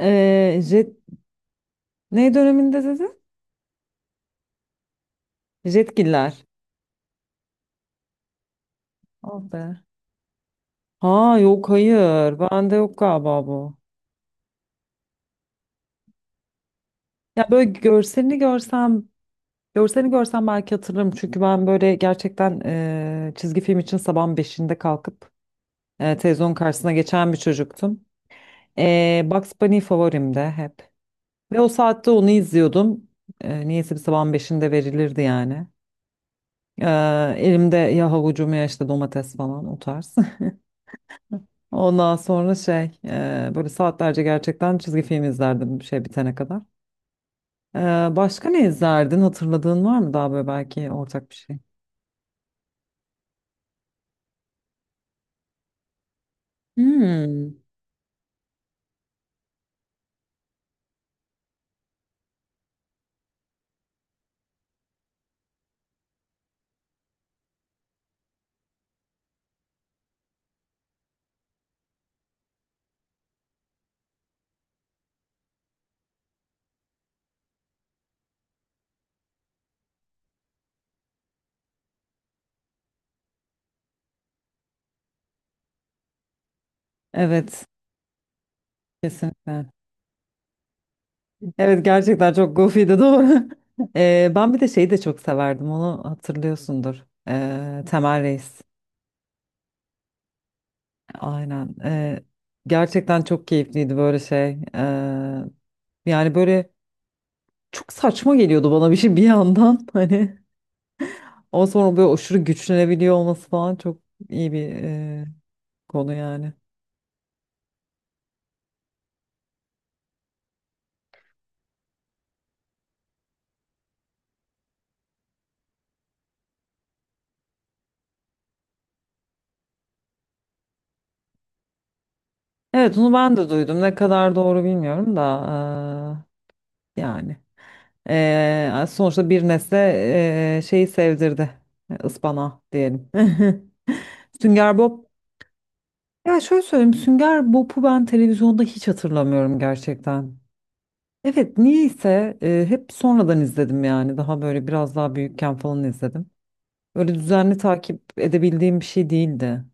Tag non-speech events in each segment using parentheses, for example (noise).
Ee, jet, ne döneminde dedin? Jetgiller. Oh be. Ha yok, hayır. Bende yok galiba bu. Ya böyle görselini görselini görsem belki hatırlarım. Çünkü ben böyle gerçekten çizgi film için sabahın beşinde kalkıp televizyon karşısına geçen bir çocuktum. Bugs Bunny favorimde hep. Ve o saatte onu izliyordum. Niyeyse bir sabahın beşinde verilirdi yani. E, Elimde ya havucum ya işte domates falan o tarz. Ondan sonra şey böyle saatlerce gerçekten çizgi film izlerdim bir şey bitene kadar. E, Başka ne izlerdin? Hatırladığın var mı daha böyle belki ortak bir şey? Hmm, evet kesinlikle. Evet gerçekten çok goofy'di doğru. (laughs) Ben bir de şeyi de çok severdim, onu hatırlıyorsundur. Temel Reis. Aynen. Gerçekten çok keyifliydi böyle şey. E, Yani böyle çok saçma geliyordu bana bir şey bir yandan (laughs) hani. Ama sonra böyle aşırı güçlenebiliyor olması falan çok iyi bir konu yani. Evet onu ben de duydum. Ne kadar doğru bilmiyorum da yani. Sonuçta bir nesle şeyi sevdirdi. Ispanağı diyelim. (laughs) Sünger Bob. Ya şöyle söyleyeyim. Sünger Bob'u ben televizyonda hiç hatırlamıyorum gerçekten. Evet niyeyse hep sonradan izledim yani. Daha böyle biraz daha büyükken falan izledim. Öyle düzenli takip edebildiğim bir şey değildi.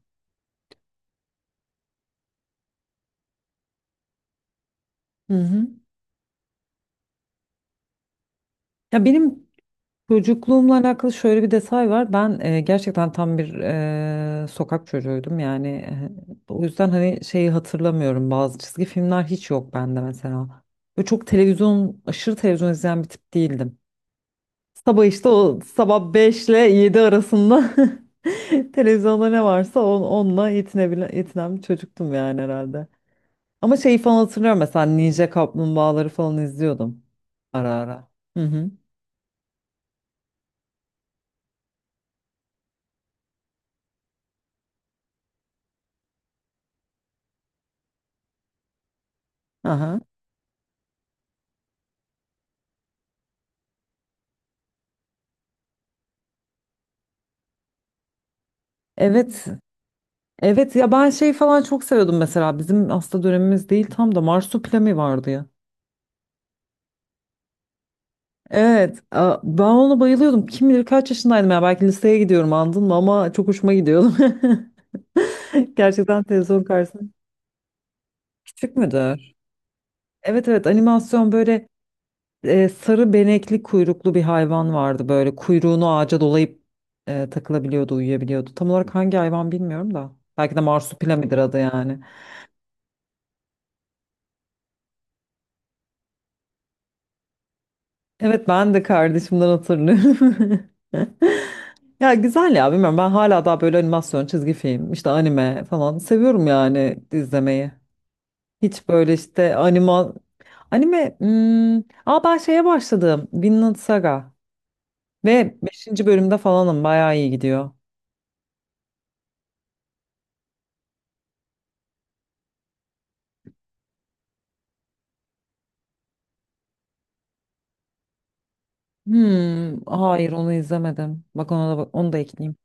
Hı hı. Ya benim çocukluğumla alakalı şöyle bir detay var. Ben gerçekten tam bir sokak çocuğuydum. Yani o yüzden hani şeyi hatırlamıyorum. Bazı çizgi filmler hiç yok bende mesela. Ve çok televizyon, aşırı televizyon izleyen bir tip değildim. Sabah işte o sabah 5 ile 7 arasında (laughs) televizyonda ne varsa onunla yetinebilen, yetinen bir çocuktum yani herhalde. Ama şeyi falan hatırlıyorum, mesela Ninja Kaplumbağaları falan izliyordum ara ara. Hı hı. Aha. Evet. Evet ya ben şey falan çok seviyordum, mesela bizim hasta dönemimiz değil tam da Marsupilami vardı ya. Evet, ben ona bayılıyordum. Kim bilir kaç yaşındaydım ya, belki liseye gidiyorum andın mı ama çok hoşuma gidiyordu. (laughs) Gerçekten televizyon karşısında. Küçük müdür? Evet evet, animasyon böyle sarı benekli kuyruklu bir hayvan vardı, böyle kuyruğunu ağaca dolayıp takılabiliyordu, uyuyabiliyordu. Tam olarak hangi hayvan bilmiyorum da belki de Marsupilami'dir adı yani. Evet ben de kardeşimden hatırlıyorum. (laughs) Ya güzel ya, bilmiyorum, ben hala daha böyle animasyon, çizgi film, işte anime falan seviyorum yani izlemeyi. Hiç böyle işte anime, hmm, aa ben şeye başladım. Vinland Saga ve beşinci bölümde falanım, bayağı iyi gidiyor. Hmm, hayır onu izlemedim. Bak ona da bak, onu da ekleyeyim.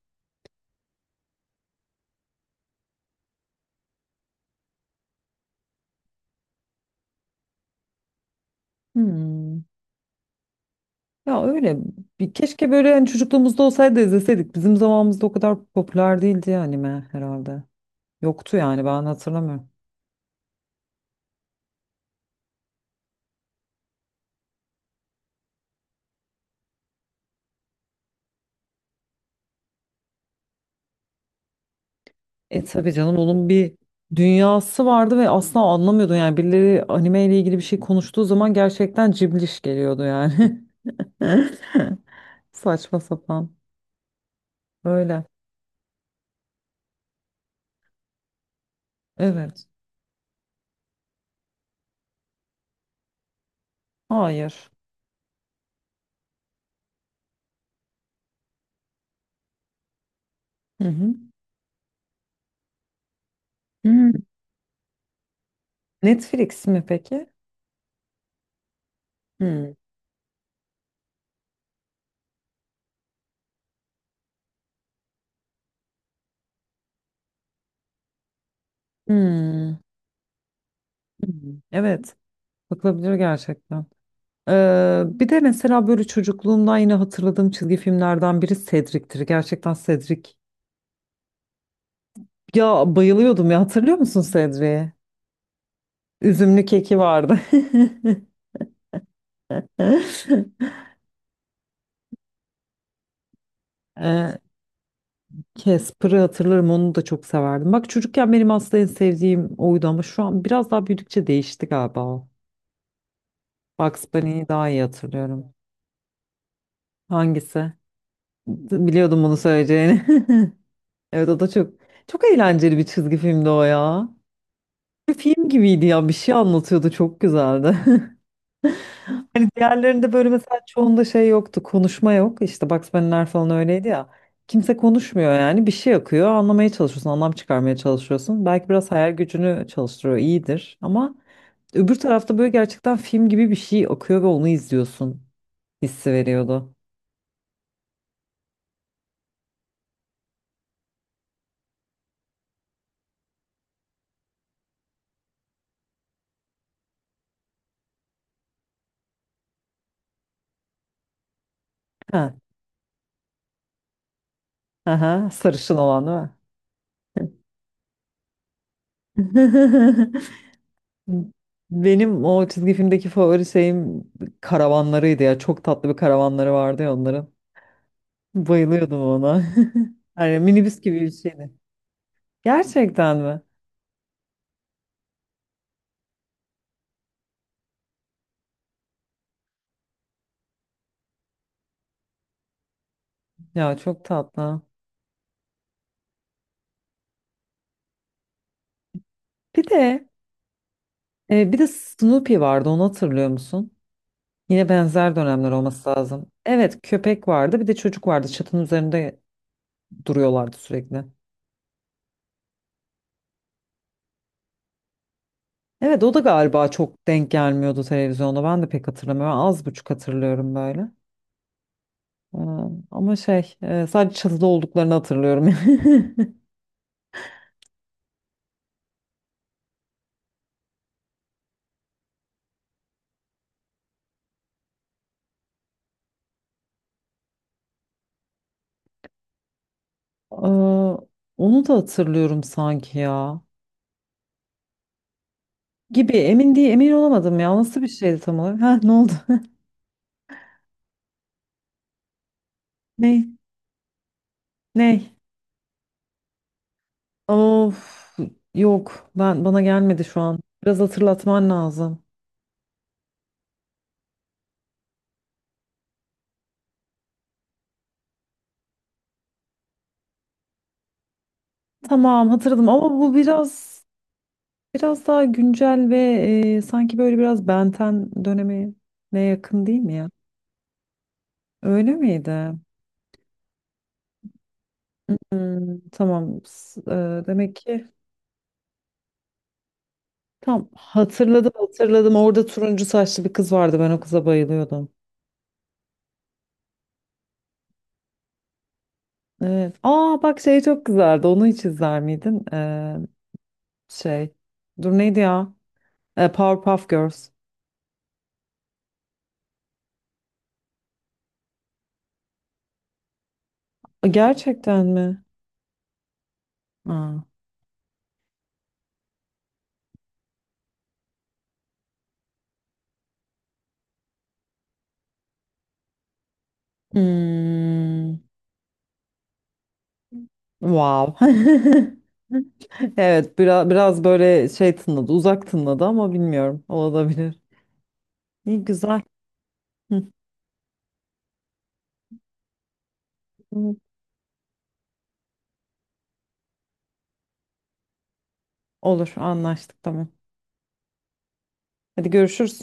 Hmm. Ya öyle bir keşke böyle hani çocukluğumuzda olsaydı izleseydik. Bizim zamanımızda o kadar popüler değildi ya anime herhalde. Yoktu yani, ben hatırlamıyorum. E tabii canım, onun bir dünyası vardı ve asla anlamıyordun yani, birileri anime ile ilgili bir şey konuştuğu zaman gerçekten cibliş geliyordu yani. (laughs) Saçma sapan. Öyle. Evet. Hayır. Hı hı. Hmm. Netflix mi peki? Hmm. Hmm. Hmm. Evet. Bakılabilir gerçekten. Bir de mesela böyle çocukluğumdan yine hatırladığım çizgi filmlerden biri Cedric'tir. Gerçekten Cedric, ya bayılıyordum ya, hatırlıyor musun Sedri'yi? Üzümlü keki vardı. (laughs) Ee, Casper'ı hatırlarım, onu da çok severdim. Bak çocukken benim aslında en sevdiğim oydu ama şu an biraz daha büyüdükçe değişti galiba o. Bugs Bunny'yi daha iyi hatırlıyorum. Hangisi? Biliyordum bunu söyleyeceğini. (laughs) Evet, o da çok eğlenceli bir çizgi filmdi o ya. Bir film gibiydi ya, bir şey anlatıyordu, çok güzeldi. Hani diğerlerinde böyle mesela çoğunda şey yoktu. Konuşma yok. İşte Bugs Bunny'ler falan öyleydi ya. Kimse konuşmuyor yani. Bir şey akıyor. Anlamaya çalışıyorsun. Anlam çıkarmaya çalışıyorsun. Belki biraz hayal gücünü çalıştırıyor, iyidir. Ama öbür tarafta böyle gerçekten film gibi bir şey akıyor ve onu izliyorsun. Hissi veriyordu. Ha, aha, sarışın olan değil mi? (laughs) Benim o çizgi filmdeki favori şeyim karavanlarıydı ya. Çok tatlı bir karavanları vardı ya onların. Bayılıyordum ona. (laughs) Yani minibüs gibi bir şeydi. Gerçekten mi? Ya çok tatlı. Bir de bir de Snoopy vardı, onu hatırlıyor musun? Yine benzer dönemler olması lazım. Evet, köpek vardı, bir de çocuk vardı, çatının üzerinde duruyorlardı sürekli. Evet o da galiba çok denk gelmiyordu televizyonda, ben de pek hatırlamıyorum, az buçuk hatırlıyorum böyle. Ee, Ama şey sadece çatıda olduklarını hatırlıyorum. (laughs) Ee, Onu da hatırlıyorum sanki ya. Gibi, emin değil, emin olamadım ya. O nasıl bir şeydi tam olarak? Ha, ne oldu? (laughs) Ney? Ney? Of, yok, ben bana gelmedi şu an. Biraz hatırlatman lazım. Tamam hatırladım, ama bu biraz daha güncel ve sanki böyle biraz Benten dönemi ne, yakın değil mi ya? Öyle miydi? Hmm, tamam. Demek ki tam hatırladım. Orada turuncu saçlı bir kız vardı. Ben o kıza bayılıyordum. Evet. Aa bak, şey çok güzeldi. Onu hiç izler miydin? Şey. Dur, neydi ya? Powerpuff Girls. Gerçekten mi? Aa. Hmm. Wow. (laughs) Evet biraz böyle şey tınladı. Uzak tınladı ama bilmiyorum. Olabilir. İyi güzel. Hı. Olur, anlaştık, tamam. Hadi görüşürüz.